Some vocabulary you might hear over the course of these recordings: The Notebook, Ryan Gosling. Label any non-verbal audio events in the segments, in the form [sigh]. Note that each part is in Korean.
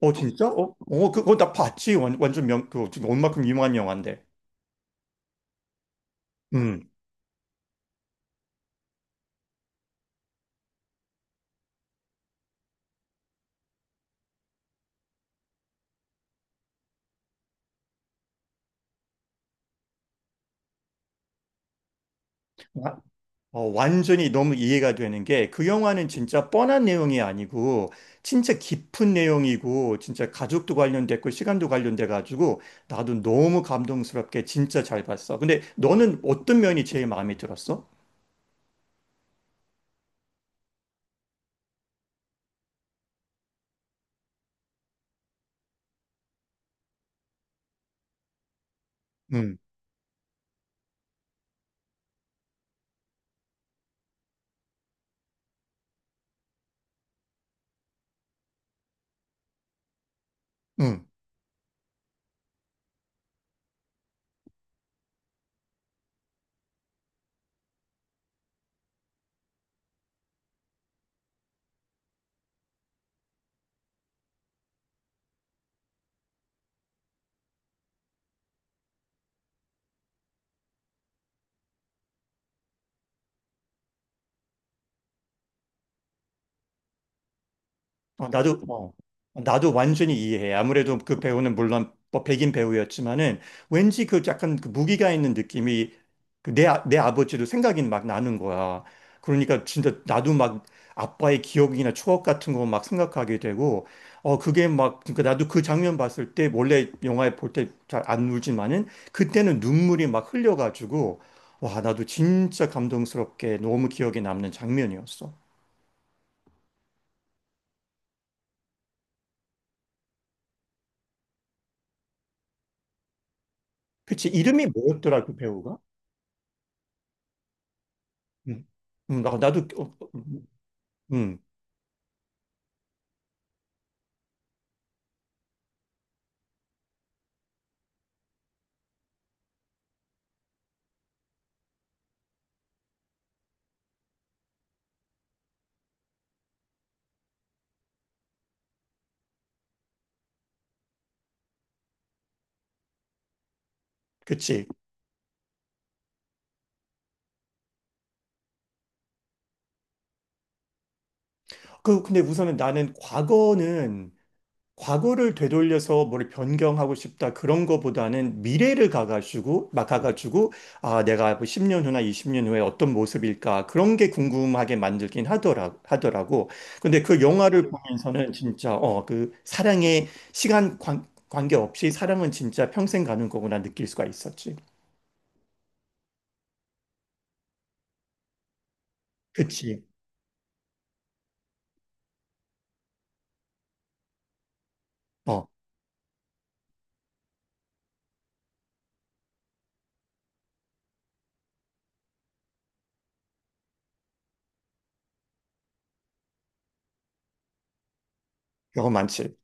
어 진짜? 어 그거 나 봤지. 완전 그 온만큼 유명한 영화인데. 음. 와- 완전히 너무 이해가 되는 게 그 영화는 진짜 뻔한 내용이 아니고 진짜 깊은 내용이고 진짜 가족도 관련됐고 시간도 관련돼 가지고 나도 너무 감동스럽게 진짜 잘 봤어. 근데 너는 어떤 면이 제일 마음에 들었어? 음. 음. 어, 나도, 어, 나도 완전히 이해해. 아무래도 그 배우는 물론 뭐 백인 배우였지만은 왠지 그 약간 그 무기가 있는 느낌이 내 아버지도 생각이 막 나는 거야. 그러니까 진짜 나도 막 아빠의 기억이나 추억 같은 거 막 생각하게 되고, 그러니까 나도 그 장면 봤을 때 원래 영화에 볼 때 잘 안 울지만은 그때는 눈물이 막 흘려가지고, 와, 나도 진짜 감동스럽게 너무 기억에 남는 장면이었어. 그치, 이름이 뭐였더라, 그 배우가? 음, 나, 나도, 어, 어, 음, 그치. 근데 우선은 나는 과거를 되돌려서 뭘 변경하고 싶다, 그런 거보다는 미래를 가가지고, 내가 뭐 10년 후나 20년 후에 어떤 모습일까, 그런 게 궁금하게 만들긴 하더라고. 근데 그 영화를 보면서는 진짜, 그 사랑의 시간 관계없이 사랑은 진짜 평생 가는 거구나 느낄 수가 있었지. 그치. 어, 그거 많지.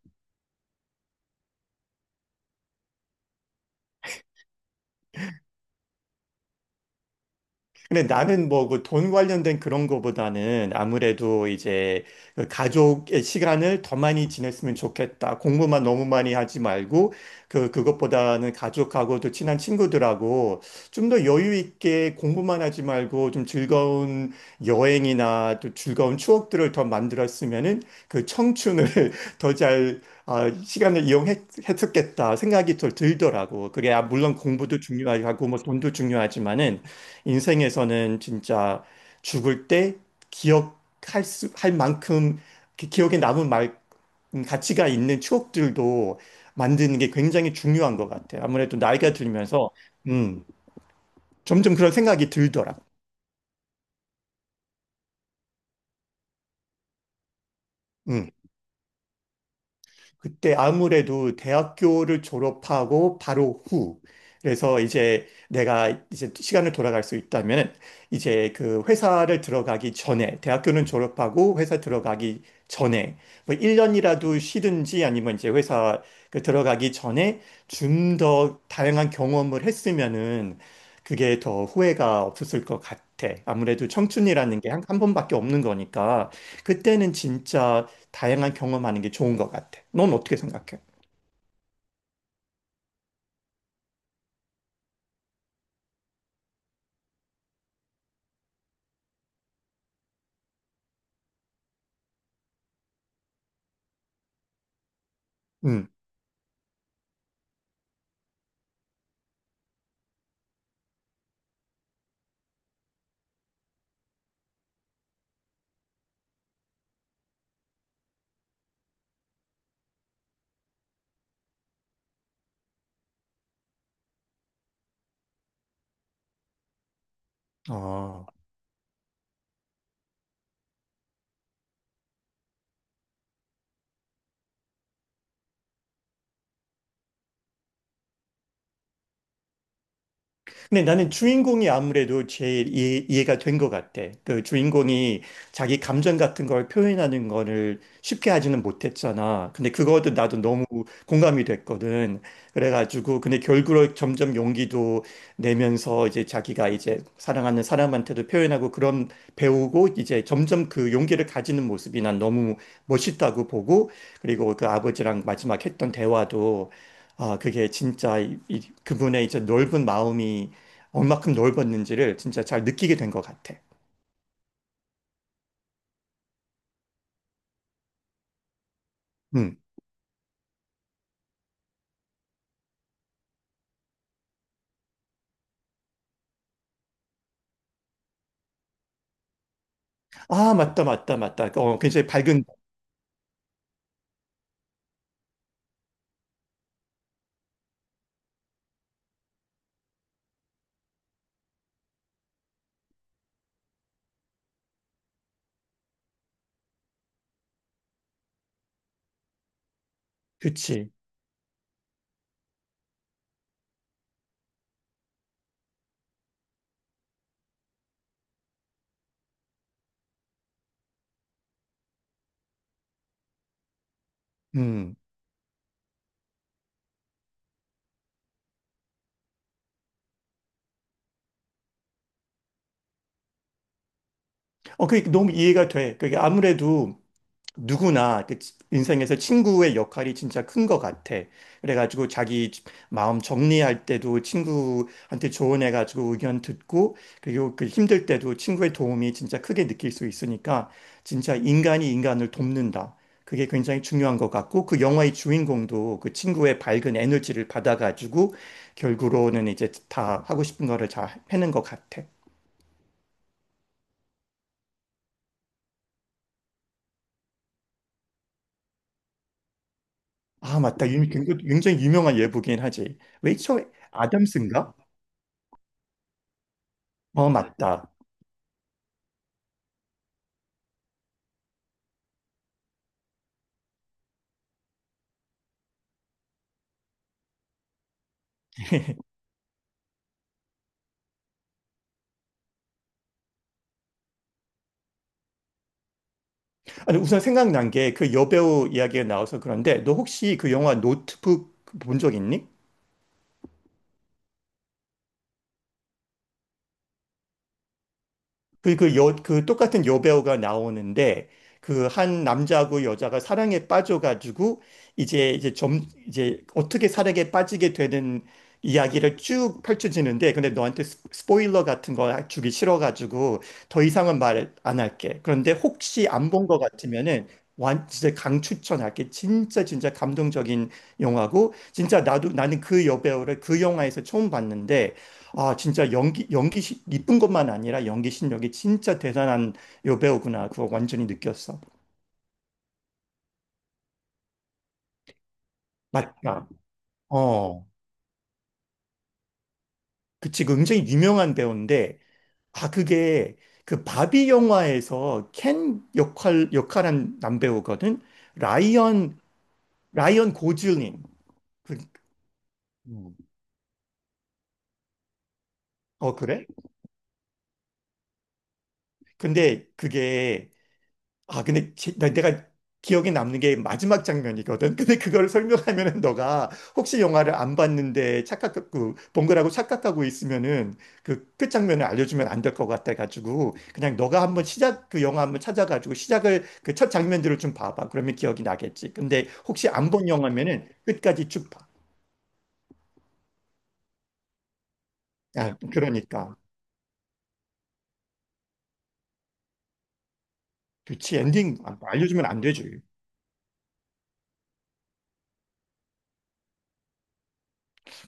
근데 나는 뭐 그 돈 관련된 그런 거보다는 아무래도 이제 그 가족의 시간을 더 많이 지냈으면 좋겠다. 공부만 너무 많이 하지 말고 그 그것보다는 가족하고도 친한 친구들하고 좀 더 여유 있게 공부만 하지 말고 좀 즐거운 여행이나 또 즐거운 추억들을 더 만들었으면은 그 청춘을 [laughs] 더 잘 시간을 이용했었겠다 생각이 더 들더라고. 그게, 물론 공부도 중요하고 뭐 돈도 중요하지만은 인생에서는 진짜 죽을 때 기억할 할 만큼 그 기억에 남은 말, 가치가 있는 추억들도 만드는 게 굉장히 중요한 것 같아요. 아무래도 나이가 들면서, 음, 점점 그런 생각이 들더라고요. 그때 아무래도 대학교를 졸업하고 바로 후. 그래서 이제 내가 이제 시간을 돌아갈 수 있다면 이제 그 회사를 들어가기 전에 대학교는 졸업하고 회사 들어가기 전에 뭐 1년이라도 쉬든지 아니면 이제 회사 그 들어가기 전에 좀 더 다양한 경험을 했으면은 그게 더 후회가 없었을 것 같아. 아무래도 청춘이라는 게 한 번밖에 없는 거니까 그때는 진짜 다양한 경험하는 게 좋은 것 같아. 넌 어떻게 생각해? 음. 아. 근데 나는 주인공이 아무래도 제일 이해가 된 것 같아. 그 주인공이 자기 감정 같은 걸 표현하는 거를 쉽게 하지는 못했잖아. 근데 그것도 나도 너무 공감이 됐거든. 그래가지고, 근데 결국은 점점 용기도 내면서 이제 자기가 이제 사랑하는 사람한테도 표현하고 그런 배우고 이제 점점 그 용기를 가지는 모습이 난 너무 멋있다고 보고 그리고 그 아버지랑 마지막 했던 대화도 아, 그게 진짜 그분의 이제 넓은 마음이 얼만큼 넓었는지를 진짜 잘 느끼게 된 것 같아. 음. 아, 맞다, 맞다, 맞다. 어, 굉장히 밝은, 그치. 음. 그게 너무 이해가 돼. 그게 아무래도 누구나 인생에서 친구의 역할이 진짜 큰 것 같아. 그래가지고 자기 마음 정리할 때도 친구한테 조언해가지고 의견 듣고, 그리고 그 힘들 때도 친구의 도움이 진짜 크게 느낄 수 있으니까, 진짜 인간이 인간을 돕는다. 그게 굉장히 중요한 것 같고, 그 영화의 주인공도 그 친구의 밝은 에너지를 받아가지고, 결국으로는 이제 다 하고 싶은 거를 잘 해낸 것 같아. 아, 맞다. 굉장히 유명한 예부긴 하지. 레이첼 아담스인가? 어, 맞다. 아니, 우선 생각난 게 그 여배우 이야기가 나와서 그런데 너 혹시 그 영화 노트북 본 적 있니? 그 똑같은 여배우가 나오는데 그 한 남자하고 여자가 사랑에 빠져가지고 이제 어떻게 사랑에 빠지게 되는 이야기를 쭉 펼쳐지는데 근데 너한테 스포일러 같은 거 주기 싫어가지고 더 이상은 말 안 할게. 그런데 혹시 안 본 거 같으면은 완 진짜 강추천할게. 진짜 진짜 감동적인 영화고 진짜 나도 나는 그 여배우를 그 영화에서 처음 봤는데 아, 진짜 이쁜 것만 아니라 연기 실력이 진짜 대단한 여배우구나. 그거 완전히 느꼈어. 맞다. 어. 그치. 그 굉장히 유명한 배우인데, 아, 그게 그 바비 영화에서 켄 역할한 남배우거든? 라이언, 라이언 고즐링. 그, 음. 그래? 근데 그게 아, 근데 제- 나- 내가 기억에 남는 게 마지막 장면이거든. 근데 그걸 설명하면은 너가 혹시 영화를 안 봤는데 착각, 그, 본 거라고 착각하고 있으면은 그 끝 장면을 알려주면 안 될 것 같아가지고 그냥 너가 한번 그 영화 한번 찾아가지고 시작을 그 첫 장면들을 좀 봐봐. 그러면 기억이 나겠지. 근데 혹시 안 본 영화면은 끝까지 쭉 봐. 아, 그러니까. 그치, 엔딩 알려주면 안 되지.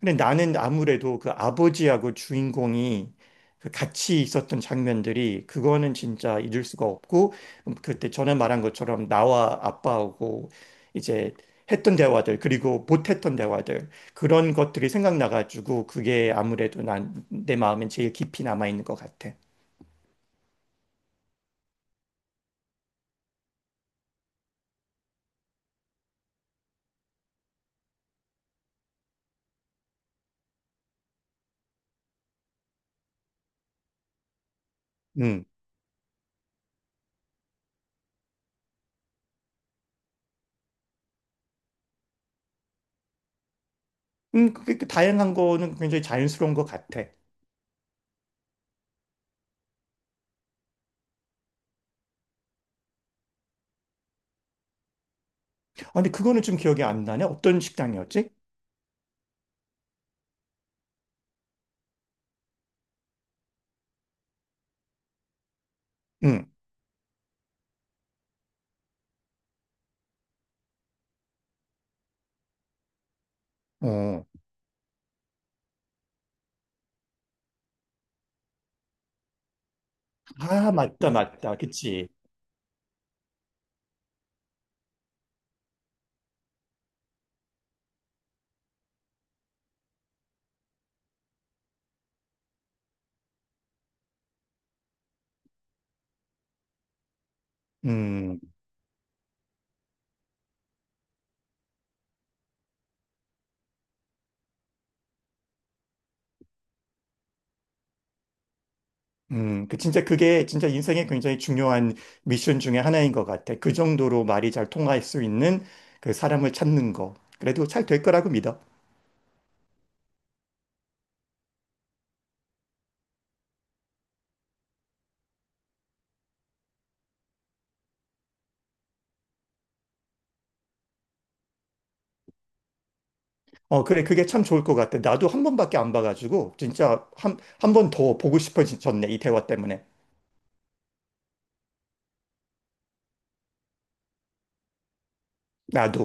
근데 나는 아무래도 그 아버지하고 주인공이 그 같이 있었던 장면들이 그거는 진짜 잊을 수가 없고 그때 전에 말한 것처럼 나와 아빠하고 이제 했던 대화들 그리고 못했던 대화들 그런 것들이 생각나가지고 그게 아무래도 난 내 마음엔 제일 깊이 남아있는 것 같아. 음. 그 다양한 거는 굉장히 자연스러운 것 같아. 근데 그거는 좀 기억이 안 나네. 어떤 식당이었지? 음. 어. 아, 맞다, 맞다. 그치. 음. 그 진짜 그게 진짜 인생에 굉장히 중요한 미션 중에 하나인 것 같아. 그 정도로 말이 잘 통할 수 있는 그 사람을 찾는 거. 그래도 잘 될 거라고 믿어. 그래. 그게 참 좋을 것 같아. 나도 한 번밖에 안 봐가지고 진짜 한 번 더 보고 싶어졌네. 이 대화 때문에. 나도.